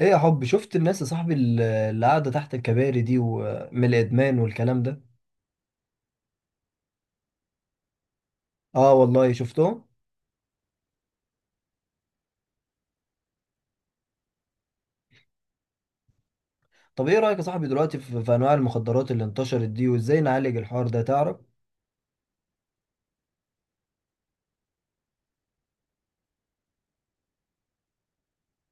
ايه يا حب، شفت الناس يا صاحبي اللي قاعده تحت الكباري دي، ومن الادمان والكلام ده؟ اه والله شفتهم. طب ايه رايك يا صاحبي دلوقتي في انواع المخدرات اللي انتشرت دي، وازاي نعالج الحوار ده، تعرف؟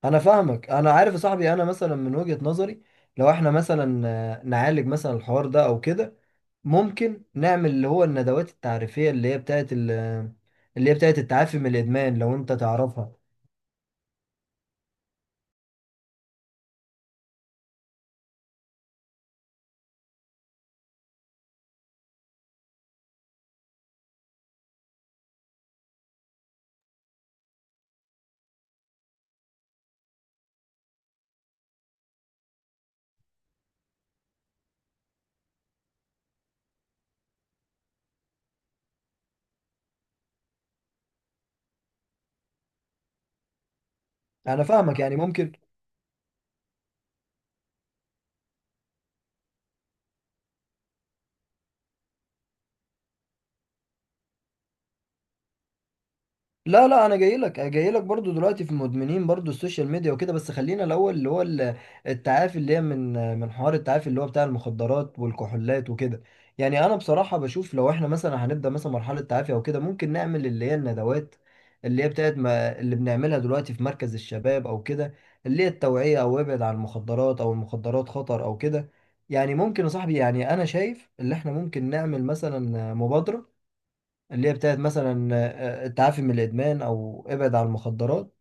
انا فاهمك، انا عارف يا صاحبي. انا مثلا من وجهه نظري، لو احنا مثلا نعالج مثلا الحوار ده او كده، ممكن نعمل اللي هو الندوات التعريفيه اللي هي اللي هي بتاعت التعافي من الادمان، لو انت تعرفها. انا فاهمك، يعني ممكن. لا لا، انا جاي لك، جاي لك برضو دلوقتي في مدمنين برضو السوشيال ميديا وكده، بس خلينا الاول التعافي اللي هي من حوار التعافي اللي هو بتاع المخدرات والكحولات وكده. يعني انا بصراحة بشوف لو احنا مثلا هنبدأ مثلا مرحلة تعافي او كده، ممكن نعمل اللي هي الندوات اللي هي بتاعت ما اللي بنعملها دلوقتي في مركز الشباب او كده، اللي هي التوعية، او ابعد عن المخدرات، او المخدرات خطر، او كده. يعني ممكن يا صاحبي، يعني انا شايف اللي احنا ممكن نعمل مثلا مبادرة اللي هي بتاعت مثلا التعافي من الادمان، او ابعد عن المخدرات.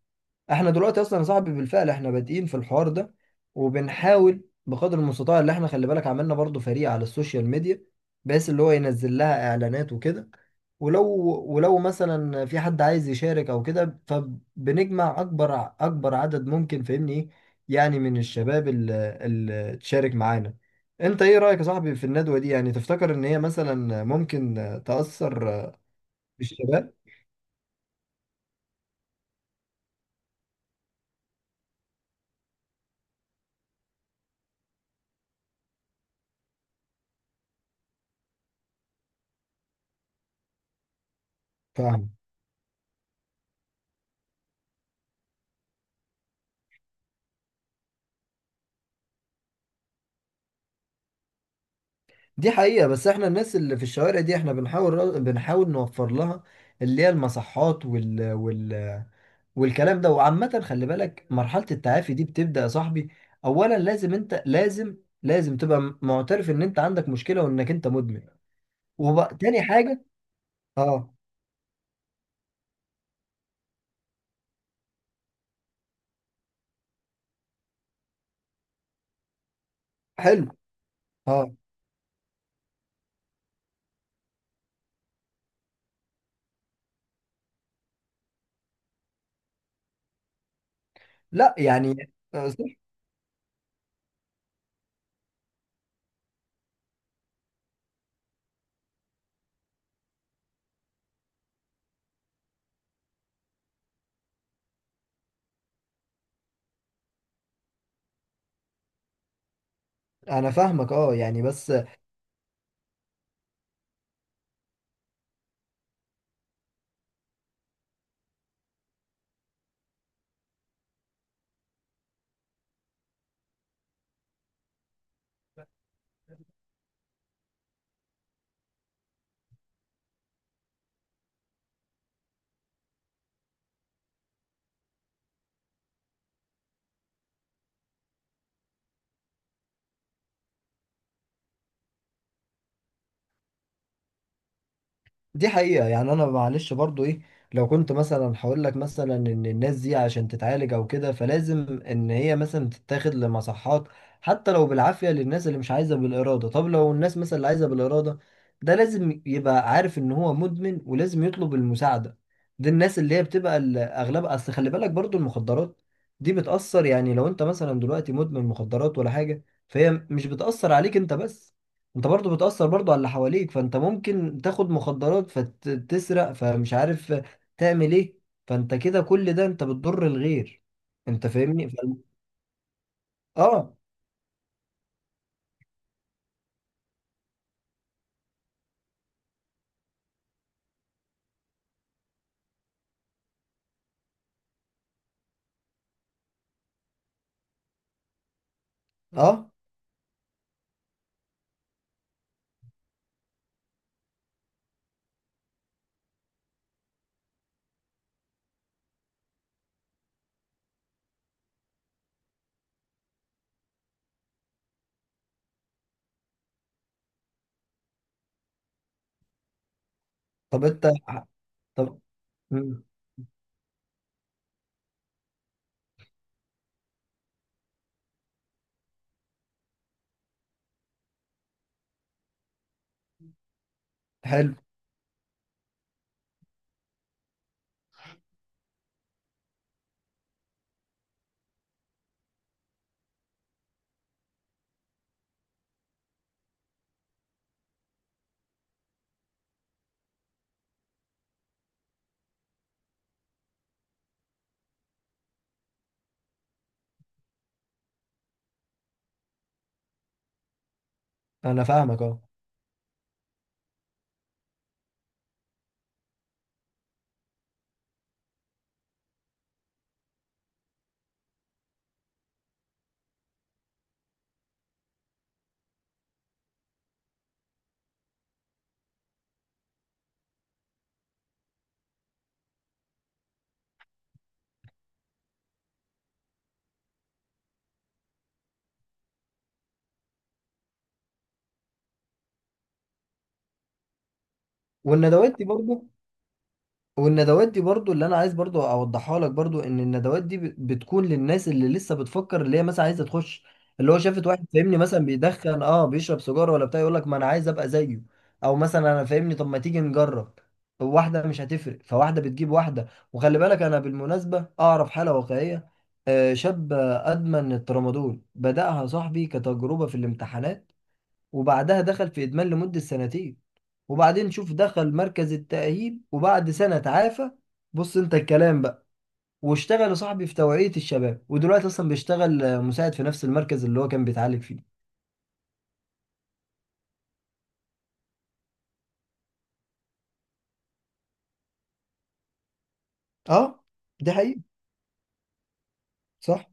احنا دلوقتي اصلا يا صاحبي بالفعل احنا بادئين في الحوار ده، وبنحاول بقدر المستطاع. اللي احنا خلي بالك عملنا برضو فريق على السوشيال ميديا، بحيث اللي هو ينزل لها اعلانات وكده. ولو، ولو مثلا في حد عايز يشارك او كده، فبنجمع اكبر عدد ممكن، فاهمني ايه؟ يعني من الشباب اللي تشارك معانا. انت ايه رايك يا صاحبي في الندوه دي؟ يعني تفتكر ان هي مثلا ممكن تاثر الشباب؟ فاهم. دي حقيقة، بس احنا الناس اللي في الشوارع دي احنا بنحاول نوفر لها اللي هي المصحات وال وال والكلام ده. وعامة خلي بالك مرحلة التعافي دي بتبدأ يا صاحبي، أولا لازم أنت لازم تبقى معترف إن أنت عندك مشكلة، وإنك أنت مدمن. وبقى تاني حاجة، أه. حلو. أه. لا يعني، صح. أنا فاهمك أه، يعني بس. دي حقيقة، يعني أنا معلش برضو إيه، لو كنت مثلا هقول لك مثلا إن الناس دي عشان تتعالج أو كده، فلازم إن هي مثلا تتاخد لمصحات، حتى لو بالعافية للناس اللي مش عايزة بالإرادة. طب لو الناس مثلا اللي عايزة بالإرادة، ده لازم يبقى عارف إن هو مدمن ولازم يطلب المساعدة. دي الناس اللي هي بتبقى أغلبها. أصل خلي بالك برضو المخدرات دي بتأثر، يعني لو أنت مثلا دلوقتي مدمن مخدرات ولا حاجة، فهي مش بتأثر عليك أنت بس، انت برضو بتأثر برضو على اللي حواليك. فانت ممكن تاخد مخدرات فتسرق، فمش عارف تعمل ايه. فانت كده كل ده انت بتضر الغير. انت فاهمني ف... اه. اه. طب انت، طب مم. حلو. انا فاهمك اه. والندوات دي برضو، والندوات دي برضو اللي انا عايز برضو اوضحها لك برضو، ان الندوات دي بتكون للناس اللي لسه بتفكر، اللي هي مثلا عايزه تخش. اللي هو شافت واحد فاهمني مثلا بيدخن، اه بيشرب سيجاره ولا بتاع، يقول لك ما انا عايز ابقى زيه. او مثلا انا فاهمني، طب ما تيجي نجرب؟ واحده مش هتفرق، فواحده بتجيب واحده. وخلي بالك انا بالمناسبه اعرف حاله واقعيه. شاب ادمن الترامادول، بدأها صاحبي كتجربه في الامتحانات، وبعدها دخل في إدمان لمدة سنتين. وبعدين شوف، دخل مركز التأهيل وبعد سنة تعافى. بص انت الكلام بقى، واشتغل يا صاحبي في توعية الشباب، ودلوقتي اصلا بيشتغل مساعد في نفس المركز اللي هو كان بيتعالج فيه. اه. دي حقيقة. صح.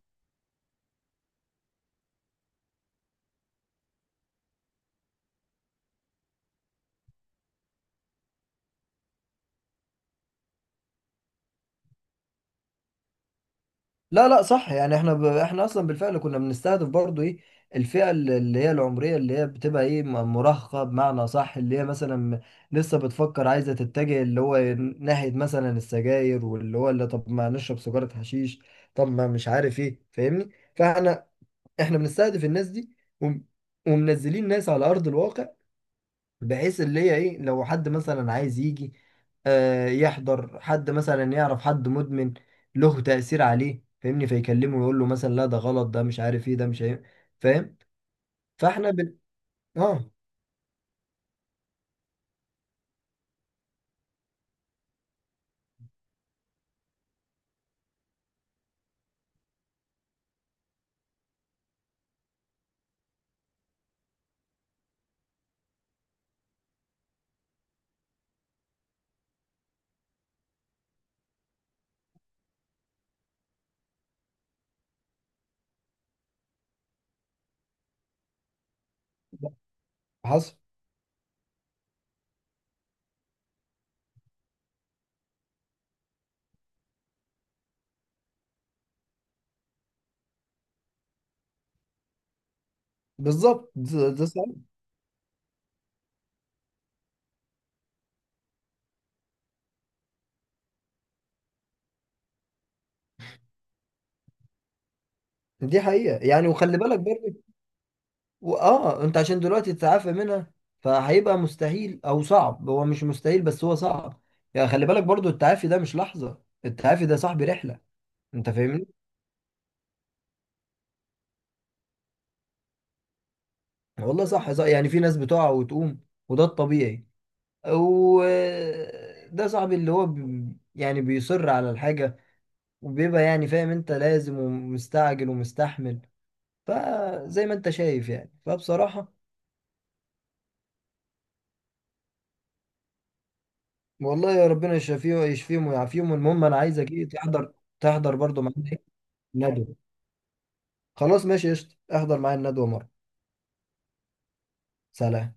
لا لا، صح. يعني احنا ب... احنا اصلا بالفعل كنا بنستهدف برضو ايه، الفئة اللي هي العمرية اللي هي بتبقى ايه، مراهقة بمعنى صح، اللي هي مثلا لسه بتفكر عايزة تتجه اللي هو ناحية مثلا السجاير، واللي هو اللي طب ما نشرب سيجارة حشيش، طب ما مش عارف ايه، فاهمني؟ فاحنا، احنا بنستهدف الناس دي. وم... ومنزلين ناس على أرض الواقع، بحيث اللي هي ايه لو حد مثلا عايز يجي آه يحضر، حد مثلا يعرف حد مدمن له تأثير عليه فاهمني، فيكلمه ويقول له مثلا لا ده غلط، ده مش عارف ايه، ده مش عارف. فاهم. فاحنا بن... اه. حصل. بالظبط، ده صح. دي حقيقة يعني، وخلي بالك برضه اه، انت عشان دلوقتي تتعافى منها فهيبقى مستحيل او صعب، هو مش مستحيل بس هو صعب. يعني خلي بالك برضه التعافي ده مش لحظة، التعافي ده صاحبي رحلة. انت فاهمني. والله صح صح، يعني في ناس بتقع وتقوم، وده الطبيعي، وده صاحبي اللي هو بي، يعني بيصر على الحاجة، وبيبقى يعني فاهم انت لازم ومستعجل ومستحمل. فزي ما انت شايف، يعني فبصراحة. والله يا ربنا يشفيه ويشفيهم ويعافيهم. المهم انا عايزك ايه تحضر، تحضر برضو معانا ايه ندوة. خلاص ماشي قشطة، احضر معايا الندوة مرة. سلام.